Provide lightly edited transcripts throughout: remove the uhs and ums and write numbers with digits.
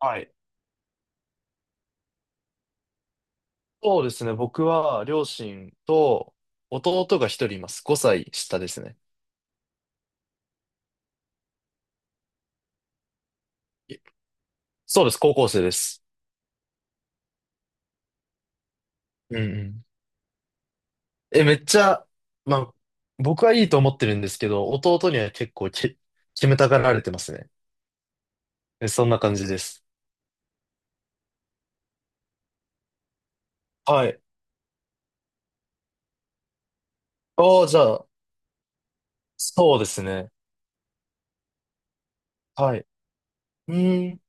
はい。そうですね。僕は両親と弟が一人います。5歳下ですね。えそうです。高校生です。うんうん。めっちゃ、まあ、僕はいいと思ってるんですけど、弟には結構決めたがられてますね。そんな感じです。はい。ああ、じゃあ、そうですね。はい。うーん。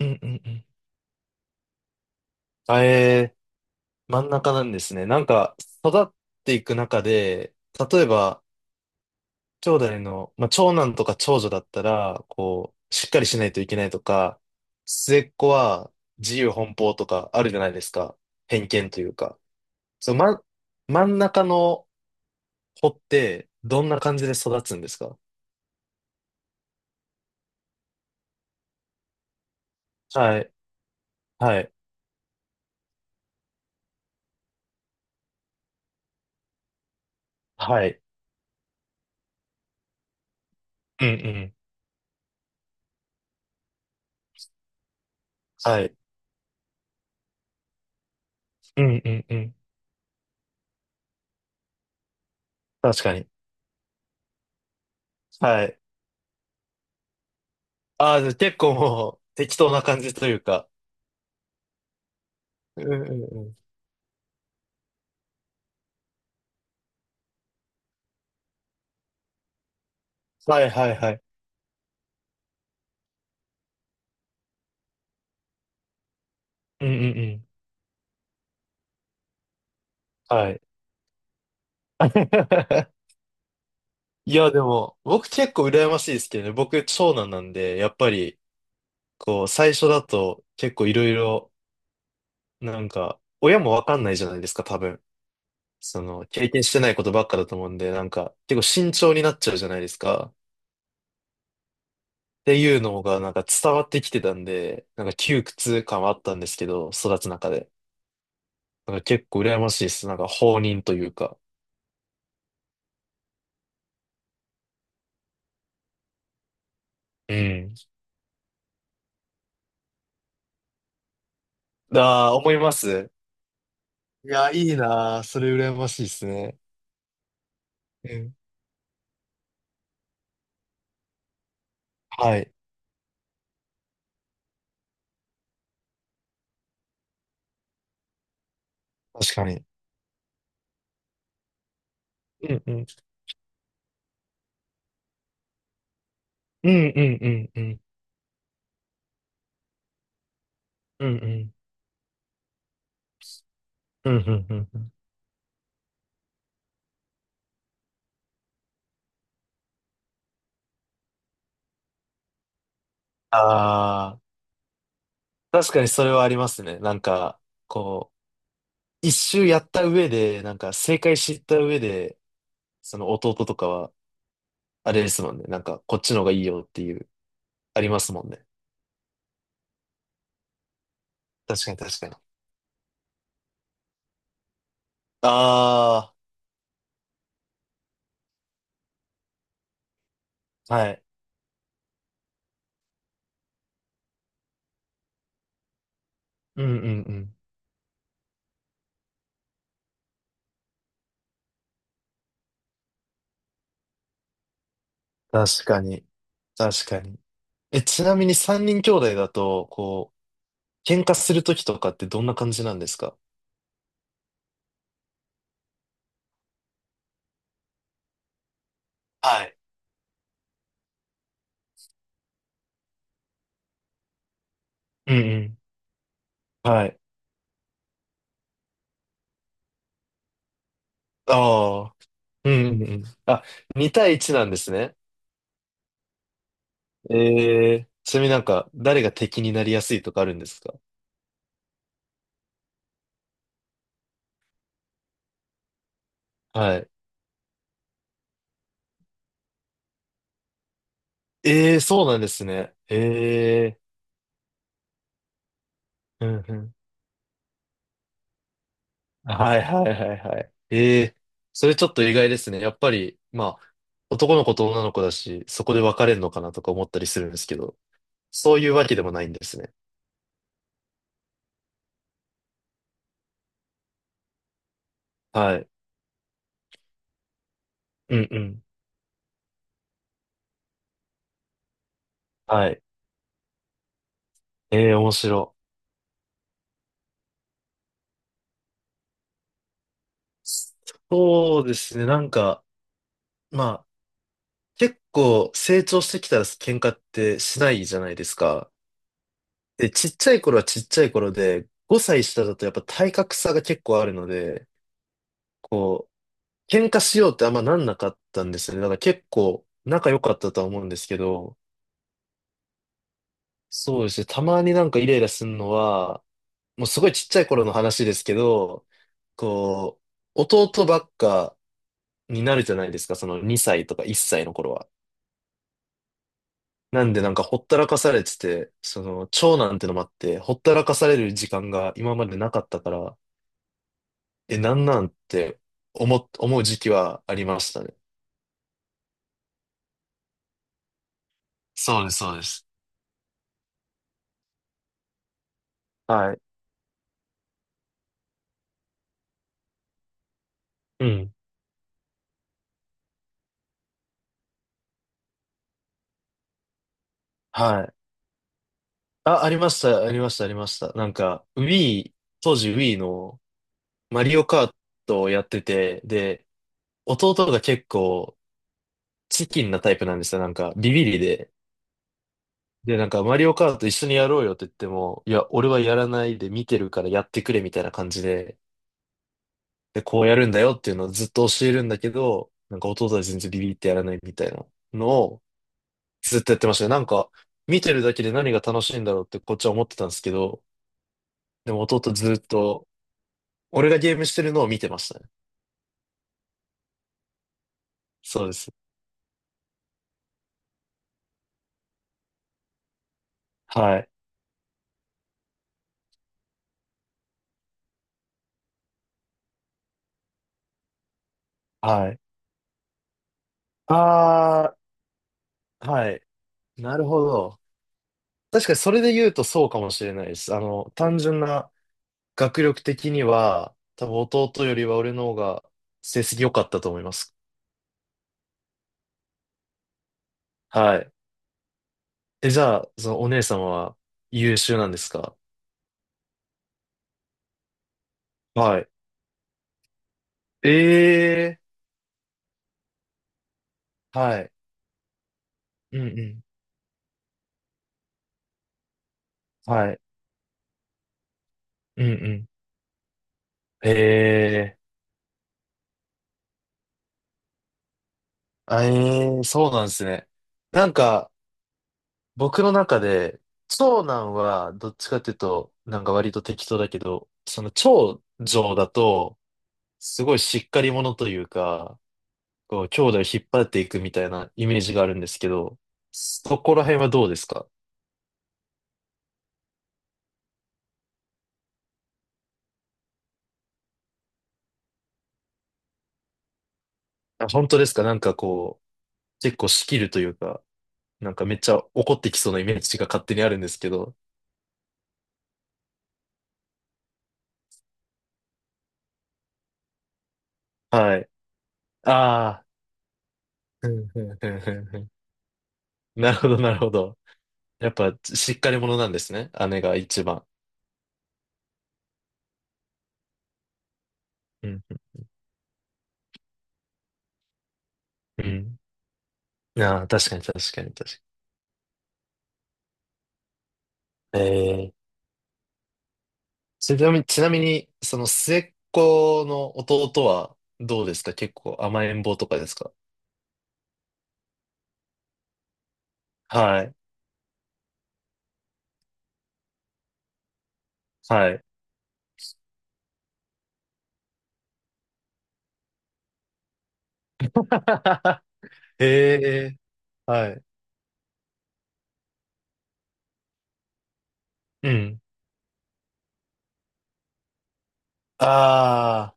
うんうんうん。あ、真ん中なんですね。なんか、育っていく中で、例えば、兄弟の、まあ、長男とか長女だったら、こう、しっかりしないといけないとか、末っ子は自由奔放とかあるじゃないですか。偏見というか。そう、ま、真ん中の子ってどんな感じで育つんですか？はい、はい、はい。うんうん。はい。うんうんうん。確かに。はい。ああ、じゃあ結構もう適当な感じというか。うんうんうん。はいはいはい。うんうんうん。はい。いや、でも、僕結構羨ましいですけどね。僕、長男なんで、やっぱり、こう、最初だと結構いろいろ、なんか、親もわかんないじゃないですか、多分。その、経験してないことばっかだと思うんで、なんか、結構慎重になっちゃうじゃないですか。っていうのが、なんか伝わってきてたんで、なんか窮屈感はあったんですけど、育つ中で。なんか結構羨ましいです。なんか、放任というか。うん。ああ、思います。いや、いいなー。それ羨ましいですね。うん。はい。確かに。うんうんうんうんうんうん。うんうん。うんうんうんうん。ああ、確かにそれはありますね。なんか、こう、一周やった上で、なんか正解知った上で、その弟とかは、あれですもんね。なんか、こっちの方がいいよっていう、ありますもんね。確かに確かに。ああ、はい。うんうんうん。確かに、確かに。ちなみに三人兄弟だと、こう、喧嘩するときとかってどんな感じなんですか？はい。うんうん。はい。ああ。うんうんうん。あ、2対1なんですね。ええ。ちなみになんか、誰が敵になりやすいとかあるんですか？はい。ええ。そうなんですね。ええ。うんうん。はいはいはいはい。ええ。それちょっと意外ですね。やっぱり、まあ、男の子と女の子だし、そこで別れるのかなとか思ったりするんですけど、そういうわけでもないんですね。はい。うんうん。はい。ええ、面白い。そうですね。なんか、まあ結構成長してきたら喧嘩ってしないじゃないですか。で、ちっちゃい頃はちっちゃい頃で、5歳下だとやっぱ体格差が結構あるので、こう、喧嘩しようってあんまなんなかったんですよね。だから結構仲良かったとは思うんですけど、そうですね。たまになんかイライラするのは、もうすごいちっちゃい頃の話ですけど、こう、弟ばっかになるじゃないですか。その2歳とか1歳の頃は。なんでなんかほったらかされてて、その長男ってのもあって、ほったらかされる時間が今までなかったから、なんなんって思う時期はありましたね。そうです、そうです。はい。うん。はい。あ、ありました、ありました、ありました。なんか、Wii、当時 Wii のマリオカートをやってて、で、弟が結構チキンなタイプなんですよ。なんか、ビビリで。で、なんか、マリオカート一緒にやろうよって言っても、いや、俺はやらないで見てるからやってくれみたいな感じで、で、こうやるんだよっていうのをずっと教えるんだけど、なんか弟は全然ビビってやらないみたいなのをずっとやってましたね。なんか、見てるだけで何が楽しいんだろうってこっちは思ってたんですけど、でも弟ずっと、俺がゲームしてるのを見てましたね。そうです。はい。はい。あー、はい。なるほど。確かにそれで言うとそうかもしれないです。あの、単純な学力的には、多分弟よりは俺の方が成績良かったと思います。はい。じゃあ、そのお姉さんは優秀なんですか？はい。ええ。はい。うんうん。はい。うんうん。ええ。あ、えー、そうなんですね。なんか、僕の中で、長男はどっちかっていうと、なんか割と適当だけど、その長女だと、すごいしっかり者というか、こう、兄弟を引っ張っていくみたいなイメージがあるんですけど、そこら辺はどうですか？あ、本当ですか？なんかこう、結構仕切るというか。なんかめっちゃ怒ってきそうなイメージが勝手にあるんですけど。はい。ああ。ふんふんふんふんふん。なるほど、なるほど。やっぱ、しっかり者なんですね。姉が一番。うん。うん。ああ、確かに、確かに、確かに。ええ。ちなみに、ちなみに、その末っ子の弟はどうですか？結構甘えん坊とかですか？はい。はい。ええ。はい。うん。あ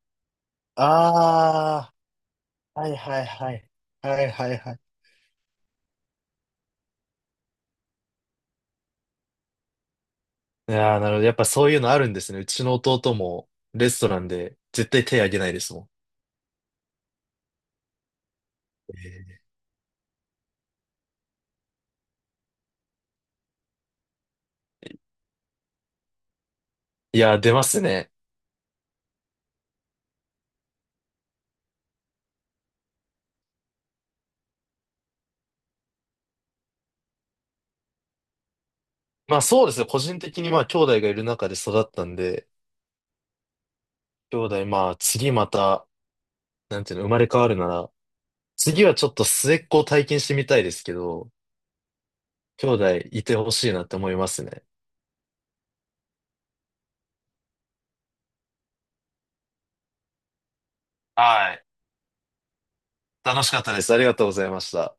あ、ああ、はいはいはい。はいはいはい。いやー、なるほど。やっぱそういうのあるんですね。うちの弟もレストランで絶対手あげないですもん。いやー、出ますね。まあそうですね。個人的にまあ兄弟がいる中で育ったんで、兄弟まあ次また、なんていうの、生まれ変わるなら、次はちょっと末っ子を体験してみたいですけど、兄弟いてほしいなって思いますね。はい。楽しかったです。ありがとうございました。